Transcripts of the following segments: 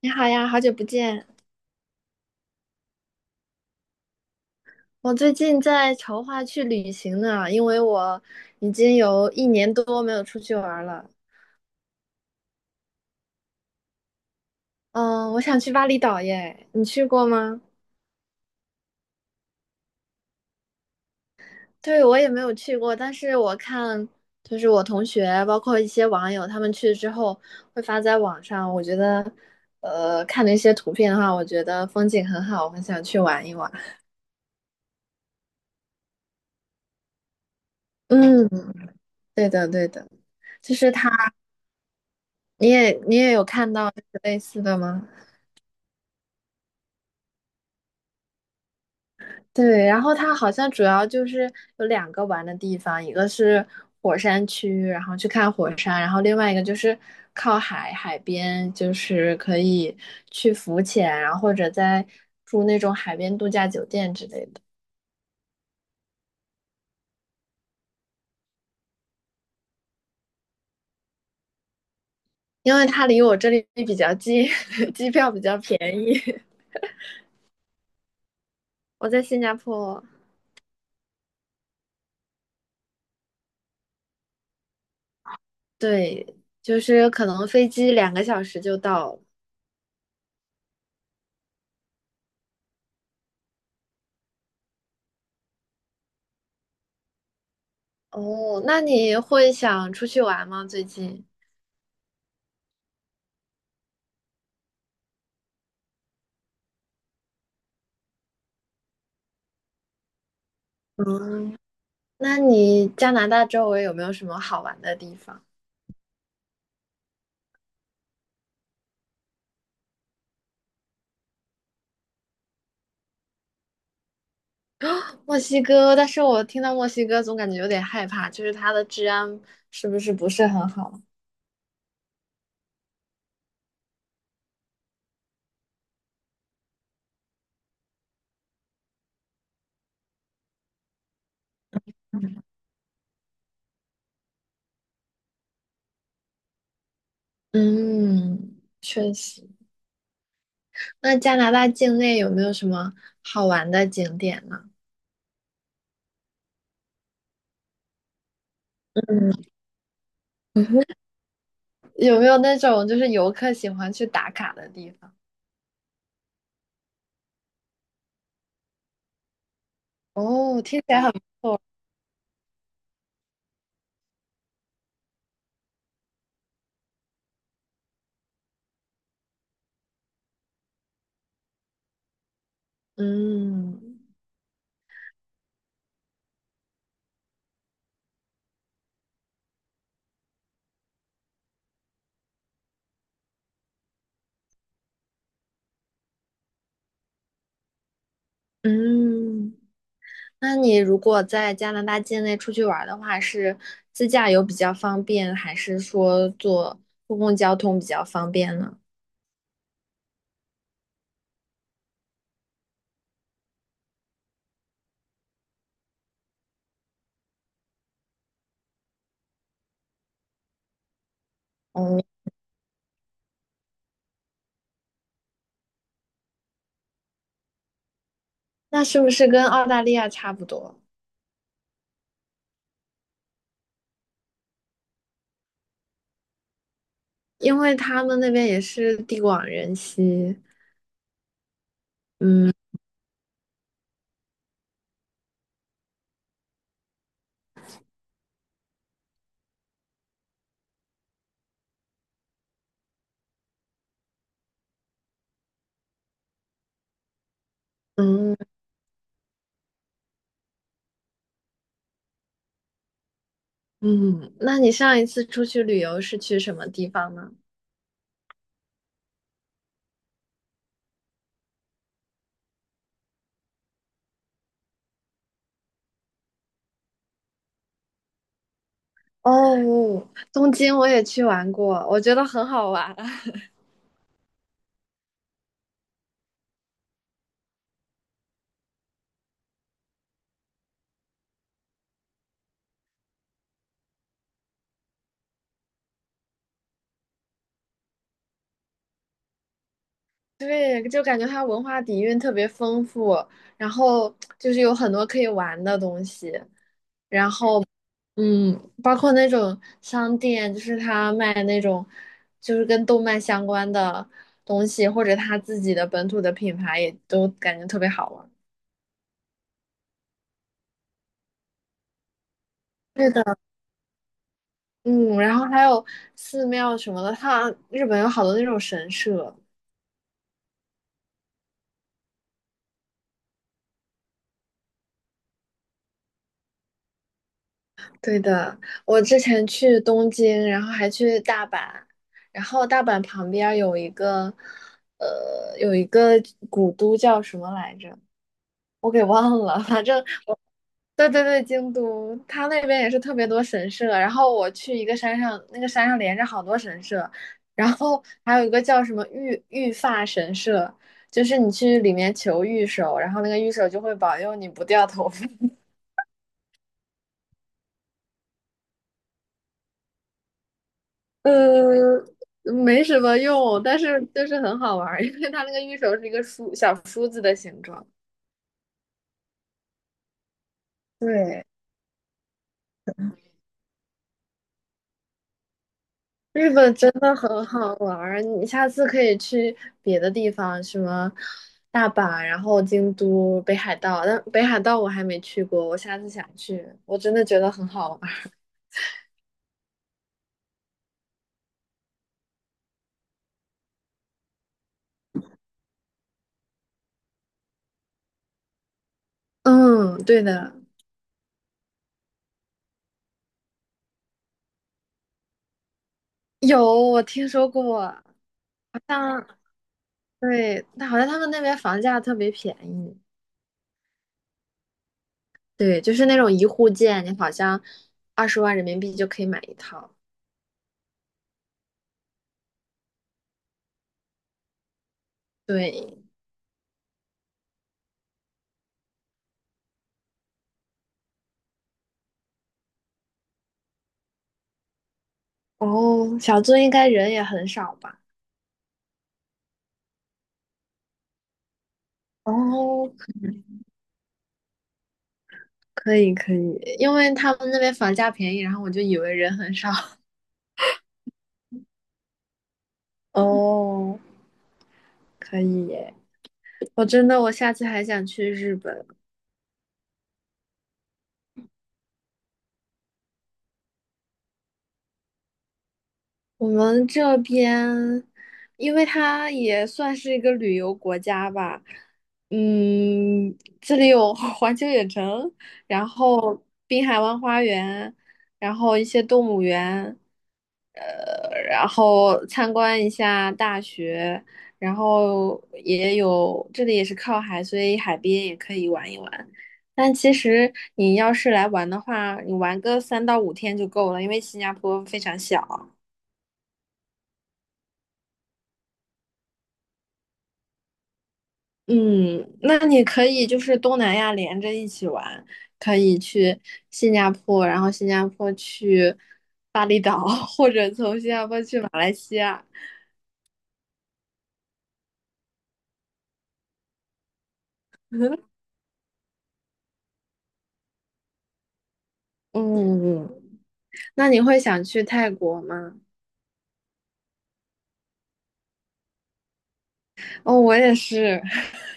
你好呀，好久不见。我最近在筹划去旅行呢，因为我已经有1年多没有出去玩儿了。嗯，我想去巴厘岛耶，你去过吗？对，我也没有去过，但是我看我同学，包括一些网友，他们去之后会发在网上。我觉得，看了一些图片的话，我觉得风景很好，我很想去玩一玩。嗯，对的，对的，就是他，你也有看到类似的吗？对，然后它好像主要就是有2个玩的地方，一个是火山区，然后去看火山，然后另外一个就是靠海海边，就是可以去浮潜，然后或者在住那种海边度假酒店之类的。因为它离我这里比较近，机票比较便宜。我在新加坡，对，就是可能飞机2个小时就到了。哦，那你会想出去玩吗？最近？嗯，那你加拿大周围有没有什么好玩的地方？墨西哥，但是我听到墨西哥总感觉有点害怕，就是它的治安是不是很好？嗯，确实。那加拿大境内有没有什么好玩的景点呢？嗯，有没有那种就是游客喜欢去打卡的地方？哦，听起来很，嗯嗯，那你如果在加拿大境内出去玩儿的话，是自驾游比较方便，还是说坐公共交通比较方便呢？哦，那是不是跟澳大利亚差不多？因为他们那边也是地广人稀。嗯嗯嗯，那你上一次出去旅游是去什么地方呢？哦，东京我也去玩过，我觉得很好玩。对，就感觉它文化底蕴特别丰富，然后就是有很多可以玩的东西，嗯，包括那种商店，他卖那种就是跟动漫相关的东西，或者他自己的本土的品牌，也都感觉特别好玩。是的，嗯，然后还有寺庙什么的，它日本有好多那种神社。对的，我之前去东京，然后还去大阪，然后大阪旁边儿有一个，呃，有一个古都叫什么来着？我给忘了，反正我，对对对，京都，它那边也是特别多神社。然后我去一个山上，那个山上连着好多神社，然后还有一个叫什么御发神社，就是你去里面求御守，然后那个御守就会保佑你不掉头发。呃，没什么用，但是就是很好玩儿，因为它那个玉手是一个梳小梳子的形状。对，日本真的很好玩儿，你下次可以去别的地方，什么大阪，然后京都、北海道。但北海道我还没去过，我下次想去，我真的觉得很好玩儿。嗯，对的，有，我听说过，好像对，但好像他们那边房价特别便宜。对，就是那种一户建，你好像20万人民币就可以买一套。对，哦，小樽应该人也很少吧？哦，可以可以，因为他们那边房价便宜，然后我就以为人很少。哦，可以耶！我真的，我下次还想去日本。我们这边，因为它也算是一个旅游国家吧，嗯，这里有 环球影城，然后滨海湾花园，然后一些动物园，然后参观一下大学，然后也有，这里也是靠海，所以海边也可以玩一玩。但其实你要是来玩的话，你玩个3到5天就够了，因为新加坡非常小。嗯，那你可以就是东南亚连着一起玩，可以去新加坡，然后新加坡去巴厘岛，或者从新加坡去马来西亚。嗯，那你会想去泰国吗？哦，我也是。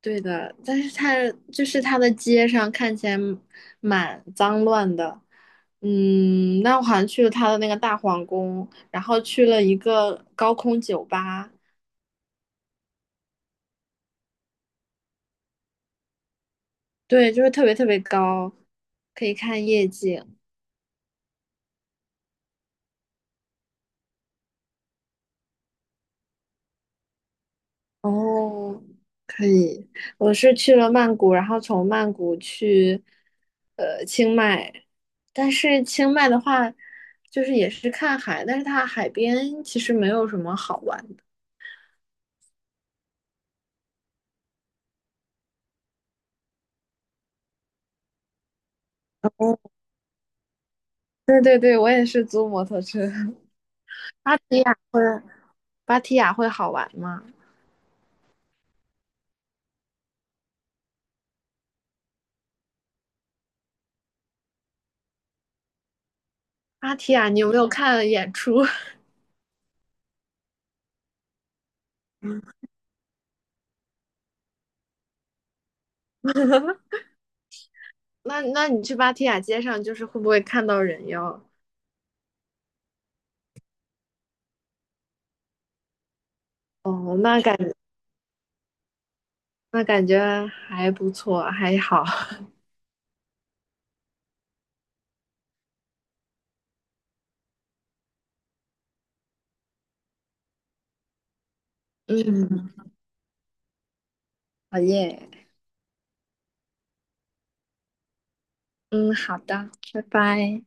对的，但是它它的街上看起来蛮脏乱的。嗯，那我好像去了它的那个大皇宫，然后去了一个高空酒吧，对，就是特别特别高，可以看夜景。哦，可以。我是去了曼谷，然后从曼谷去清迈，但是清迈的话，就是也是看海，但是它海边其实没有什么好玩的。对对对，我也是租摩托车。芭提雅会，芭提雅会好玩吗？芭提雅，你有没有看演出？那那你去芭提雅街上，就是会不会看到人妖？哦，那感。那感觉还不错，还好。嗯，好耶。嗯，好的，拜拜。